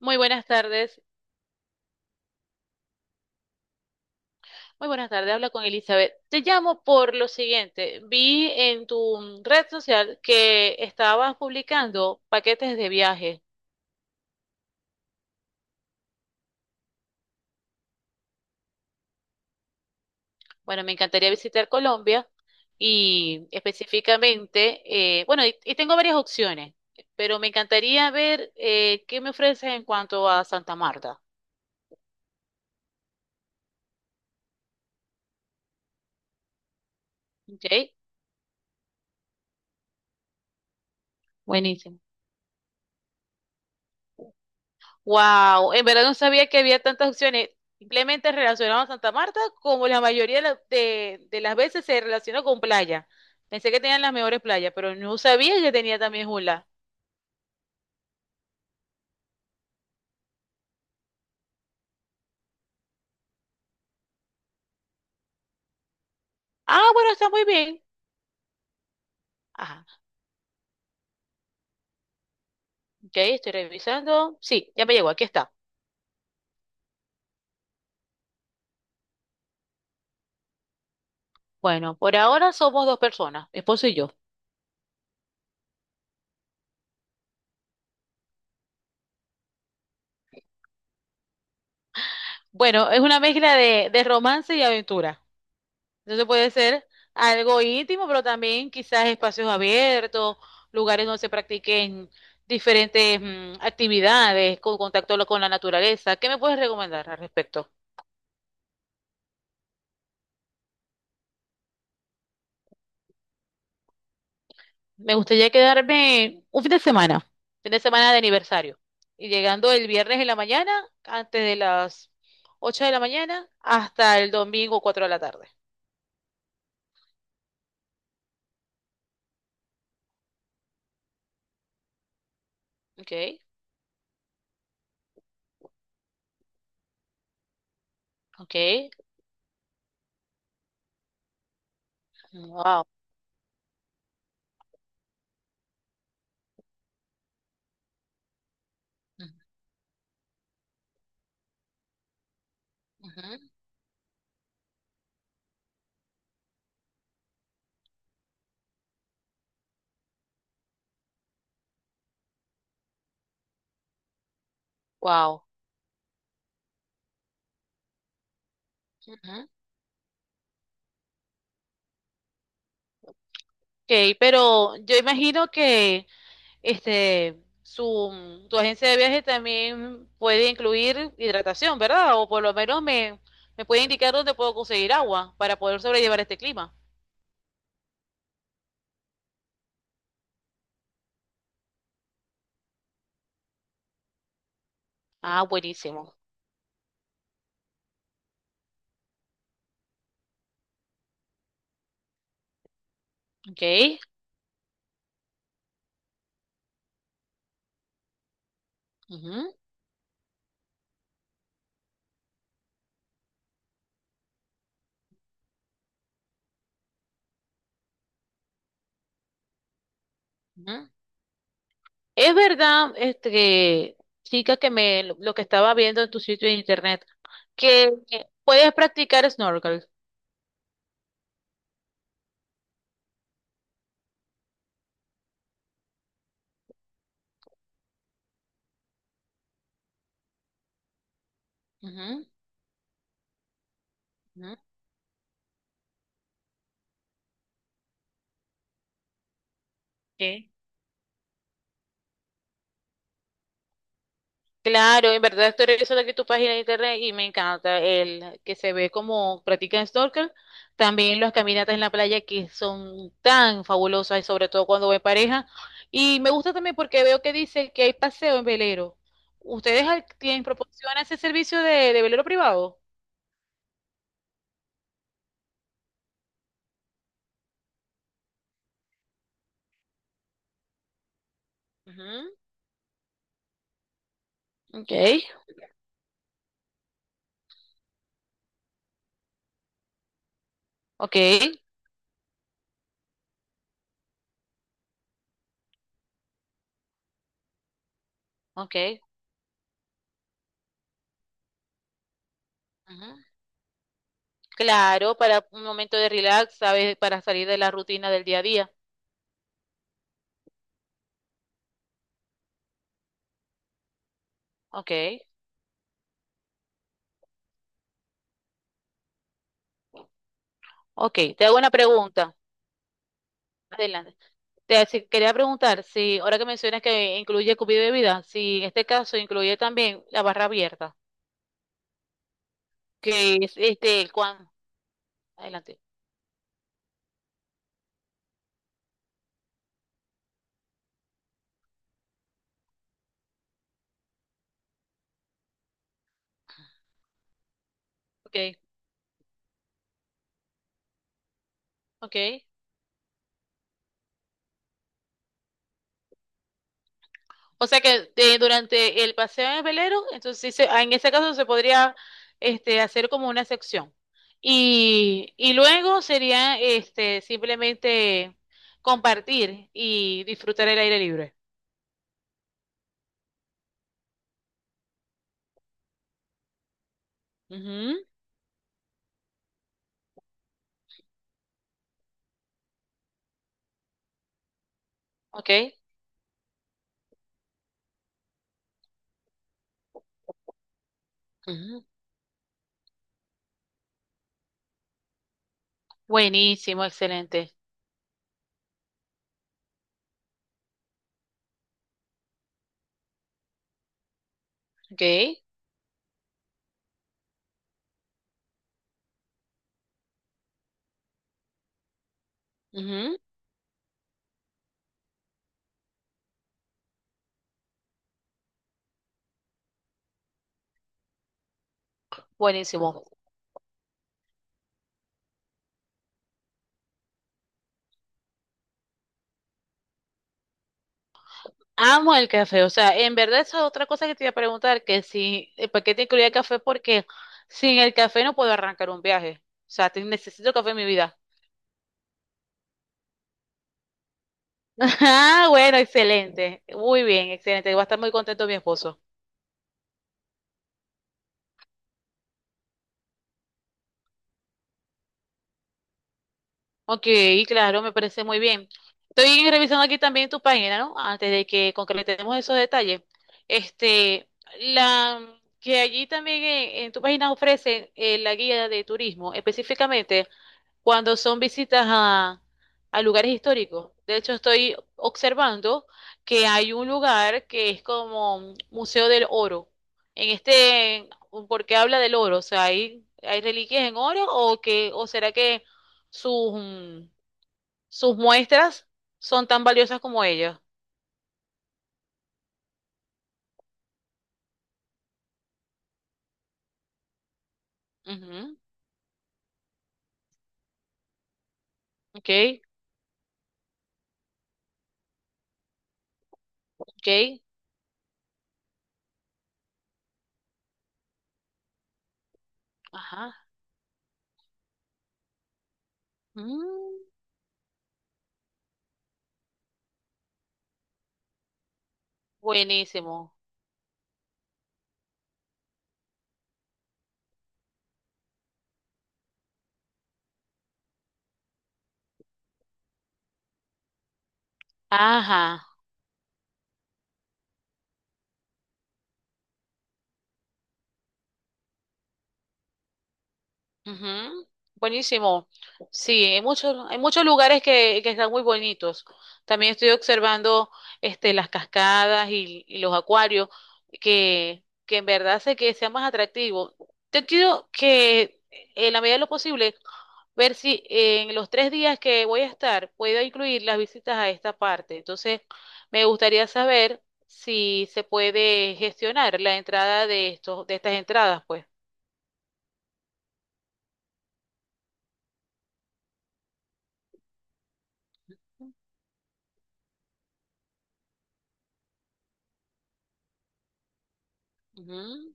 Muy buenas tardes. Muy buenas tardes. Habla con Elizabeth. Te llamo por lo siguiente. Vi en tu red social que estabas publicando paquetes de viaje. Bueno, me encantaría visitar Colombia y específicamente, tengo varias opciones, pero me encantaría ver qué me ofreces en cuanto a Santa Marta. ¿Ok? Buenísimo. Wow, en verdad no sabía que había tantas opciones. Simplemente relacionaba a Santa Marta como la mayoría de, de las veces se relacionó con playa. Pensé que tenían las mejores playas, pero no sabía que tenía también Jula. Ah, bueno, está muy bien. Ajá, ok, estoy revisando. Sí, ya me llegó, aquí está. Bueno, por ahora somos dos personas, mi esposo y yo. Bueno, es una mezcla de romance y aventura. Entonces puede ser algo íntimo, pero también quizás espacios abiertos, lugares donde se practiquen diferentes actividades con contacto con la naturaleza. ¿Qué me puedes recomendar al respecto? Me gustaría quedarme un fin de semana de aniversario. Y llegando el viernes en la mañana, antes de las 8 de la mañana, hasta el domingo 4 de la tarde. Okay, okay. Wow. Wow. Ok, pero yo imagino que este, tu agencia de viaje también puede incluir hidratación, ¿verdad? O por lo menos me puede indicar dónde puedo conseguir agua para poder sobrellevar este clima. Ah, buenísimo. Ok. Ujú, ujú. Es verdad, chica, lo que estaba viendo en tu sitio de internet, que puedes practicar snorkel. Ujú, ujú. Ok. Claro, en verdad estoy revisando aquí tu página de internet y me encanta el que se ve como practican snorkel. También las caminatas en la playa que son tan fabulosas, y sobre todo cuando voy en pareja. Y me gusta también porque veo que dice que hay paseo en velero. ¿Ustedes tienen, proporcionan ese servicio de velero privado? Ujú, okay, okay. Ok. Ujú. Claro, para un momento de relax, ¿sabes? Para salir de la rutina del día a día. Okay, okay. Te hago una pregunta. Adelante. Quería preguntar si, ahora que mencionas que incluye comida y bebida, si en este caso incluye también la barra abierta, que es este el cuan. Adelante. Okay, okay. O sea que durante el paseo en el velero, entonces en ese caso se podría este, hacer como una sección. Y luego sería este, simplemente compartir y disfrutar el aire libre. Ujú, Ok. Ujú. Buenísimo, excelente. Ok. Ujú. Buenísimo. Amo el café. O sea, en verdad esa es otra cosa que te iba a preguntar, que si, ¿por qué te incluía el café? Porque sin el café no puedo arrancar un viaje. O sea, necesito café en mi vida. Ah, bueno, excelente. Muy bien, excelente. Va a estar muy contento mi esposo. Ok, claro, me parece muy bien. Estoy revisando aquí también tu página, ¿no? Antes de que concretemos esos detalles. Este, la que allí también en tu página ofrece la guía de turismo, específicamente, cuando son visitas a lugares históricos. De hecho, estoy observando que hay un lugar que es como un Museo del Oro. En este, porque habla del oro, o sea, hay reliquias en oro o que, o será que sus, sus muestras son tan valiosas como ellas. Ujú, Ok, ok, ajá. Mm, buenísimo. Ajá. Ujú, Buenísimo. Sí, hay muchos lugares que están muy bonitos. También estoy observando este, las cascadas y los acuarios, que en verdad hace que sea más atractivo. Yo quiero que en la medida de lo posible, ver si en los 3 días que voy a estar puedo incluir las visitas a esta parte. Entonces, me gustaría saber si se puede gestionar la entrada de estos, de estas entradas, pues. Ujú,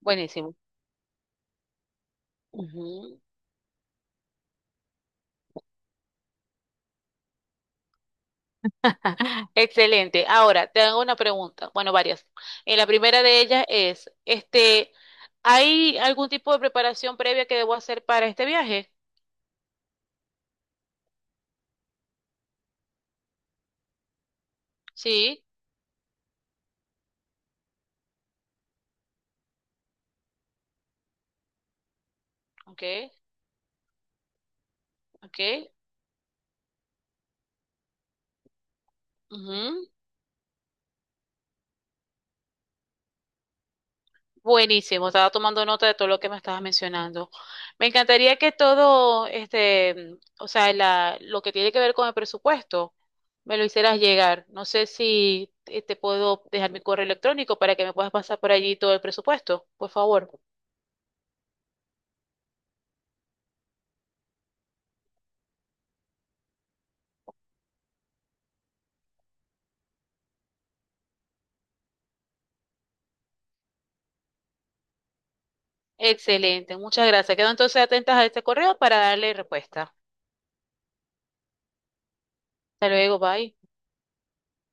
Buenísimo. Ujú. Excelente. Ahora, te hago una pregunta. Bueno, varias. En la primera de ellas es, este, ¿hay algún tipo de preparación previa que debo hacer para este viaje? Sí. Ok, ok. Ujú. Buenísimo. Estaba tomando nota de todo lo que me estabas mencionando. Me encantaría que todo, este, o sea, lo que tiene que ver con el presupuesto, me lo hicieras llegar. No sé si te puedo dejar mi correo electrónico para que me puedas pasar por allí todo el presupuesto, por favor. Excelente, muchas gracias. Quedo entonces atentas a este correo para darle respuesta. Hasta luego, bye.